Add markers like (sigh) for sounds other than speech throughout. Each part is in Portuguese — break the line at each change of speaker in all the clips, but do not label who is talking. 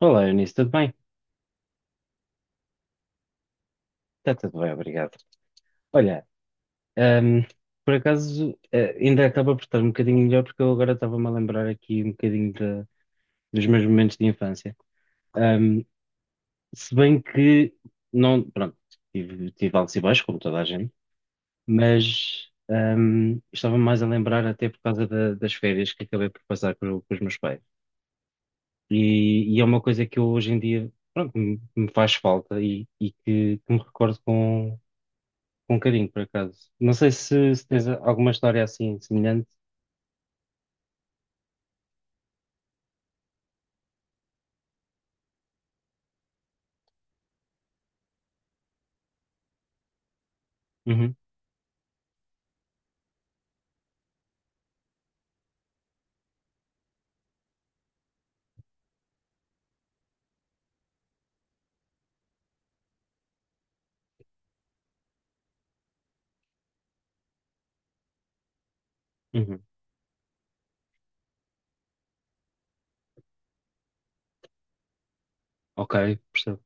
Olá, Eunice, tudo bem? Está tudo bem, obrigado. Olha, ahm, por acaso, ainda acaba por estar um bocadinho melhor, porque eu agora estava-me a lembrar aqui um bocadinho dos meus momentos de infância. Ahm, se bem que, não, pronto, tive altos e baixos, como toda a gente, mas estava-me mais a lembrar até por causa das férias que acabei por passar com os meus pais. E é uma coisa que eu hoje em dia, pronto, me faz falta e que me recordo com carinho, por acaso. Não sei se tens alguma história assim semelhante. Uhum, uhum. Ok, percebo.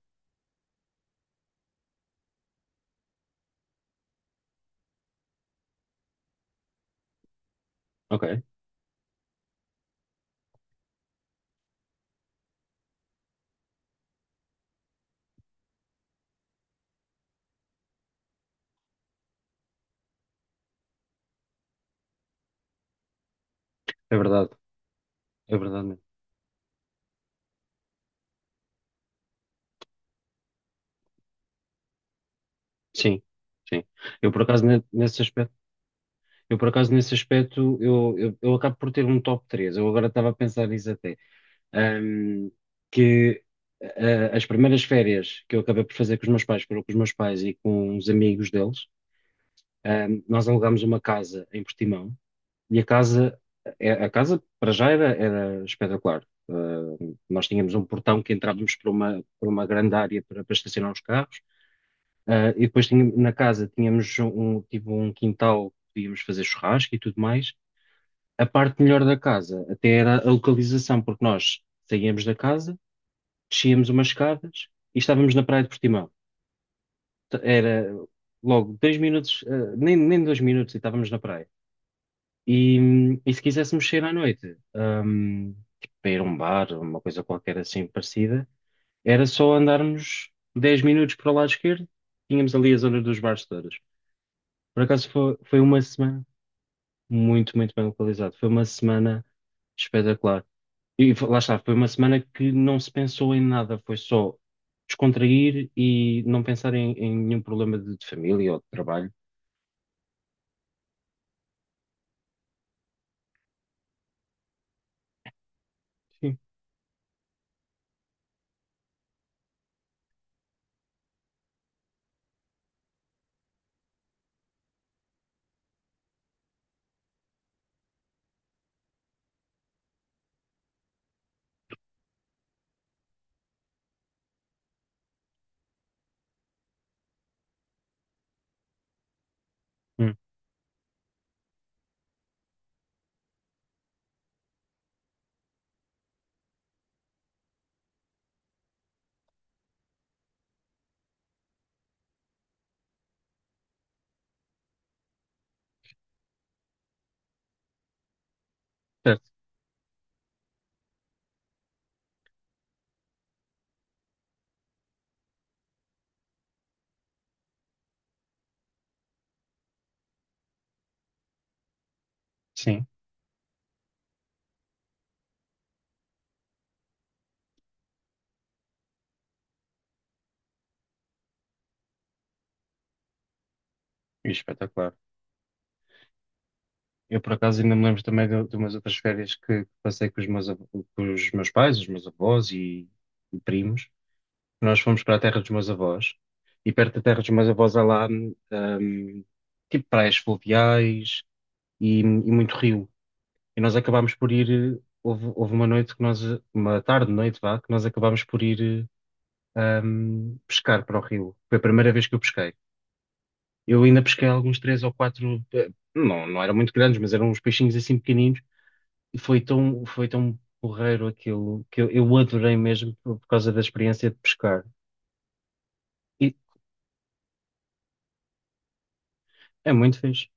Ok, é verdade. É verdade mesmo. Sim, sim. Eu por acaso ne- nesse aspecto, eu por acaso nesse aspecto, eu acabo por ter um top três. Eu agora estava a pensar nisso até. Ahm, que ah, as primeiras férias que eu acabei por fazer com os meus pais, foram com os meus pais e com os amigos deles. Nós alugámos uma casa em Portimão. E a casa, a casa para já era espetacular. Nós tínhamos um portão que entrávamos por uma grande área para estacionar os carros. E depois tínhamos, na casa tínhamos tipo um quintal que podíamos fazer churrasco e tudo mais. A parte melhor da casa até era a localização, porque nós saíamos da casa, descíamos umas escadas e estávamos na praia de Portimão. Era logo 2 minutos, nem 2 minutos e estávamos na praia. E, e se quiséssemos sair à noite, tipo, para ir a um bar, uma coisa qualquer assim parecida, era só andarmos 10 minutos para o lado esquerdo, tínhamos ali a zona dos bares todas. Por acaso foi uma semana muito, muito bem localizado. Foi uma semana espetacular. E lá está, foi uma semana que não se pensou em nada, foi só descontrair e não pensar em nenhum problema de família ou de trabalho. Sim. Hum, certo. Sim, e espetacular. Eu, por acaso, ainda me lembro também de umas outras férias que passei com os meus pais, os meus avós e primos. Nós fomos para a terra dos meus avós e perto da terra dos meus avós há lá, tipo praias fluviais e muito rio. E nós acabámos por ir, houve uma noite uma tarde, noite, vá, que nós acabámos por ir, pescar para o rio. Foi a primeira vez que eu pesquei. Eu ainda pesquei alguns três ou quatro, não eram muito grandes, mas eram uns peixinhos assim pequeninos. E foi tão porreiro aquilo que eu adorei mesmo por causa da experiência de pescar. E é muito fixe.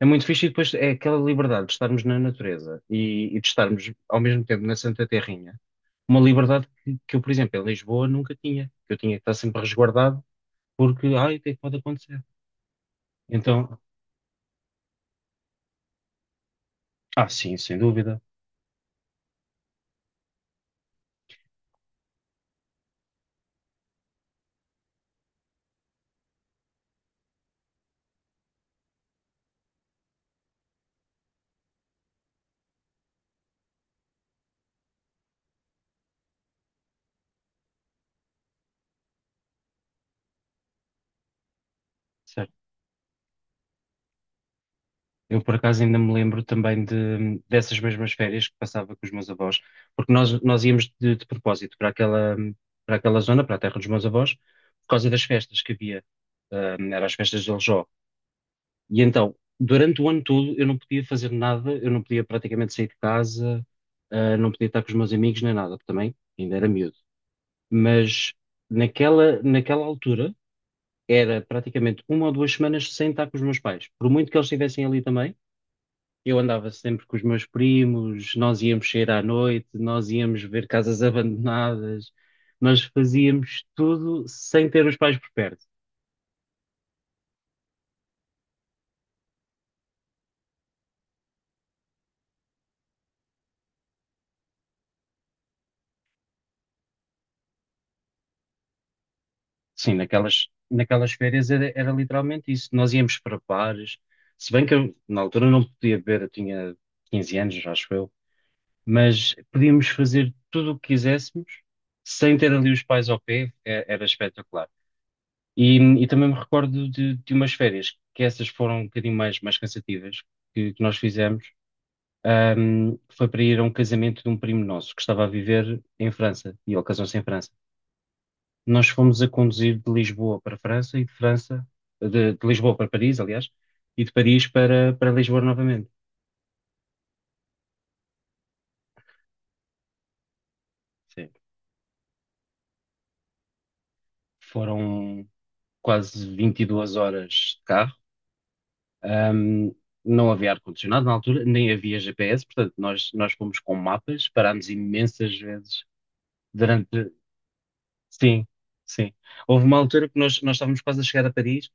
É muito fixe e depois é aquela liberdade de estarmos na natureza e de estarmos ao mesmo tempo na Santa Terrinha. Uma liberdade que eu, por exemplo, em Lisboa nunca tinha. Eu tinha que estar sempre resguardado porque, ai, o que é que pode acontecer? Então, ah, sim, sem dúvida. Eu, por acaso, ainda me lembro também dessas mesmas férias que passava com os meus avós, porque nós íamos de propósito para aquela zona, para a terra dos meus avós, por causa das festas que havia. Eram as festas de Aljó. E então, durante o ano todo, eu não podia fazer nada, eu não podia praticamente sair de casa, ah, não podia estar com os meus amigos nem nada, porque também ainda era miúdo. Mas naquela altura, era praticamente uma ou duas semanas sem estar com os meus pais. Por muito que eles estivessem ali também, eu andava sempre com os meus primos. Nós íamos sair à noite, nós íamos ver casas (laughs) abandonadas, nós fazíamos tudo sem ter os pais por perto. Sim, naquelas férias era literalmente isso. Nós íamos para bares, se bem que eu, na altura não podia beber, eu tinha 15 anos, acho eu, mas podíamos fazer tudo o que quiséssemos sem ter ali os pais ao pé, era espetacular. E, e também me recordo de umas férias, que essas foram um bocadinho mais cansativas, que nós fizemos. Foi para ir a um casamento de um primo nosso que estava a viver em França, e ele casou-se em França. Nós fomos a conduzir de Lisboa para França e de França, de Lisboa para Paris, aliás, e de Paris para Lisboa novamente. Sim. Foram quase 22 horas de carro. Um, não havia ar-condicionado na altura, nem havia GPS, portanto, nós fomos com mapas, parámos imensas vezes durante. Sim, sim. Houve uma altura que nós estávamos quase a chegar a Paris,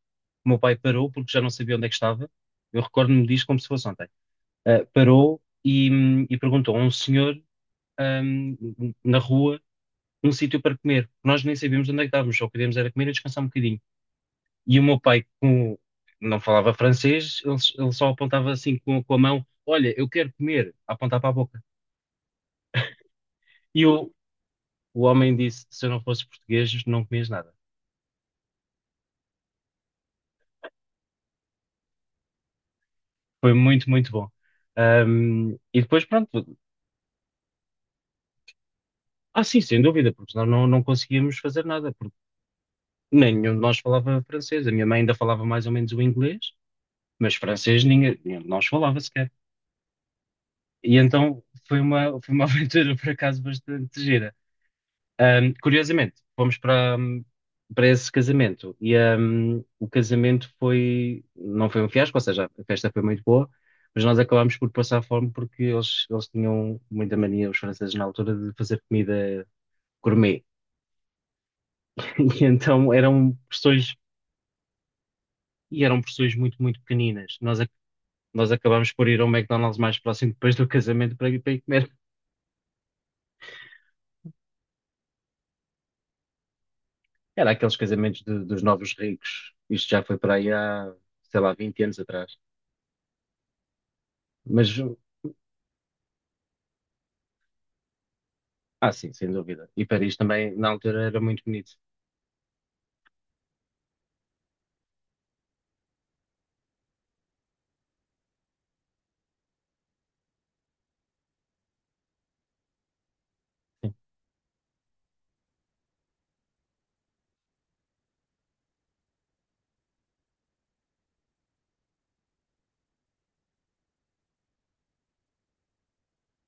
o meu pai parou porque já não sabia onde é que estava. Eu recordo-me disto como se fosse ontem. Ah, parou e perguntou a um senhor, na rua, um sítio para comer. Nós nem sabíamos onde é que estávamos, só queríamos era comer e descansar um bocadinho. E o meu pai, como não falava francês, ele só apontava assim com a mão: "Olha, eu quero comer", a apontar para a boca. E o homem disse: "Se eu não fosse português, não comias nada." Foi muito, muito bom. E depois, pronto, ah, sim, sem dúvida, porque senão não conseguíamos fazer nada, porque nenhum de nós falava francês. A minha mãe ainda falava mais ou menos o inglês, mas francês ninguém, nenhum de nós falava sequer. E então foi uma (laughs) aventura, por acaso, bastante gira. Curiosamente, fomos para esse casamento e o casamento foi, não foi um fiasco, ou seja, a festa foi muito boa, mas nós acabámos por passar fome porque eles tinham muita mania, os franceses na altura, de fazer comida gourmet. (laughs) E então eram porções muito, muito pequeninas. Nós acabámos por ir ao McDonald's mais próximo depois do casamento para ir comer. Era aqueles casamentos dos novos ricos. Isto já foi para aí há, sei lá, 20 anos atrás. Mas Ah, sim, sem dúvida. E Paris também, na altura, era muito bonito.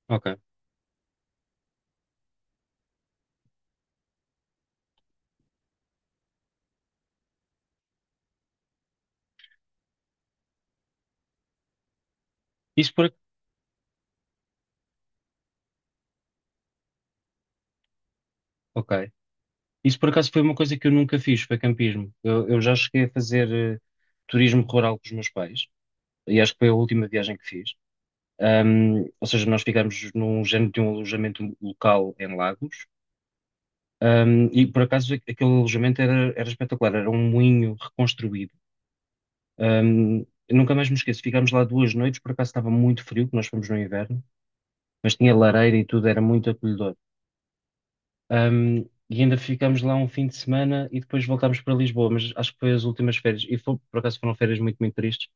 Ok. Isso por, ok. Isso por acaso foi uma coisa que eu nunca fiz, foi campismo. Eu já cheguei a fazer eh, turismo rural com os meus pais, e acho que foi a última viagem que fiz. Ou seja, nós ficámos num género de um alojamento local em Lagos. E por acaso aquele alojamento era espetacular, era um moinho reconstruído. Eu nunca mais me esqueço, ficámos lá 2 noites, por acaso estava muito frio, que nós fomos no inverno, mas tinha lareira e tudo, era muito acolhedor. Um, e ainda ficamos lá um fim de semana e depois voltámos para Lisboa, mas acho que foi as últimas férias. E por acaso foram férias muito, muito tristes,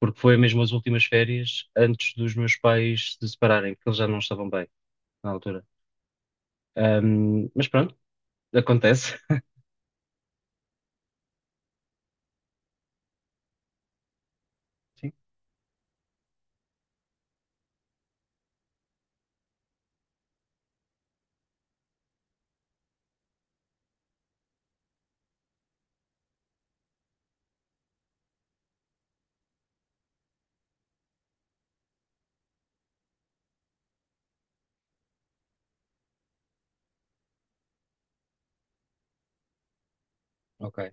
porque foi mesmo as últimas férias antes dos meus pais se separarem, porque eles já não estavam bem na altura. Mas pronto, acontece. Sim, ok.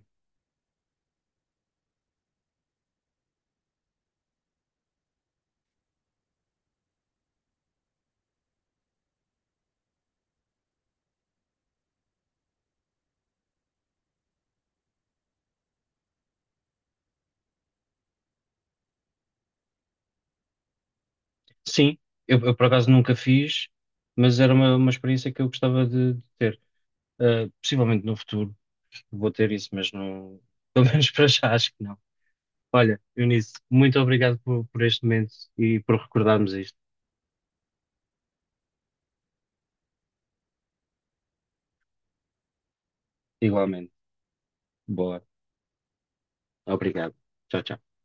Sim, eu por acaso nunca fiz, mas era uma experiência que eu gostava de ter. Possivelmente no futuro vou ter isso, mas não, (laughs) pelo menos para já acho que não. Olha, Eunice, muito obrigado por este momento e por recordarmos isto. Igualmente. Boa. Obrigado. Tchau, tchau.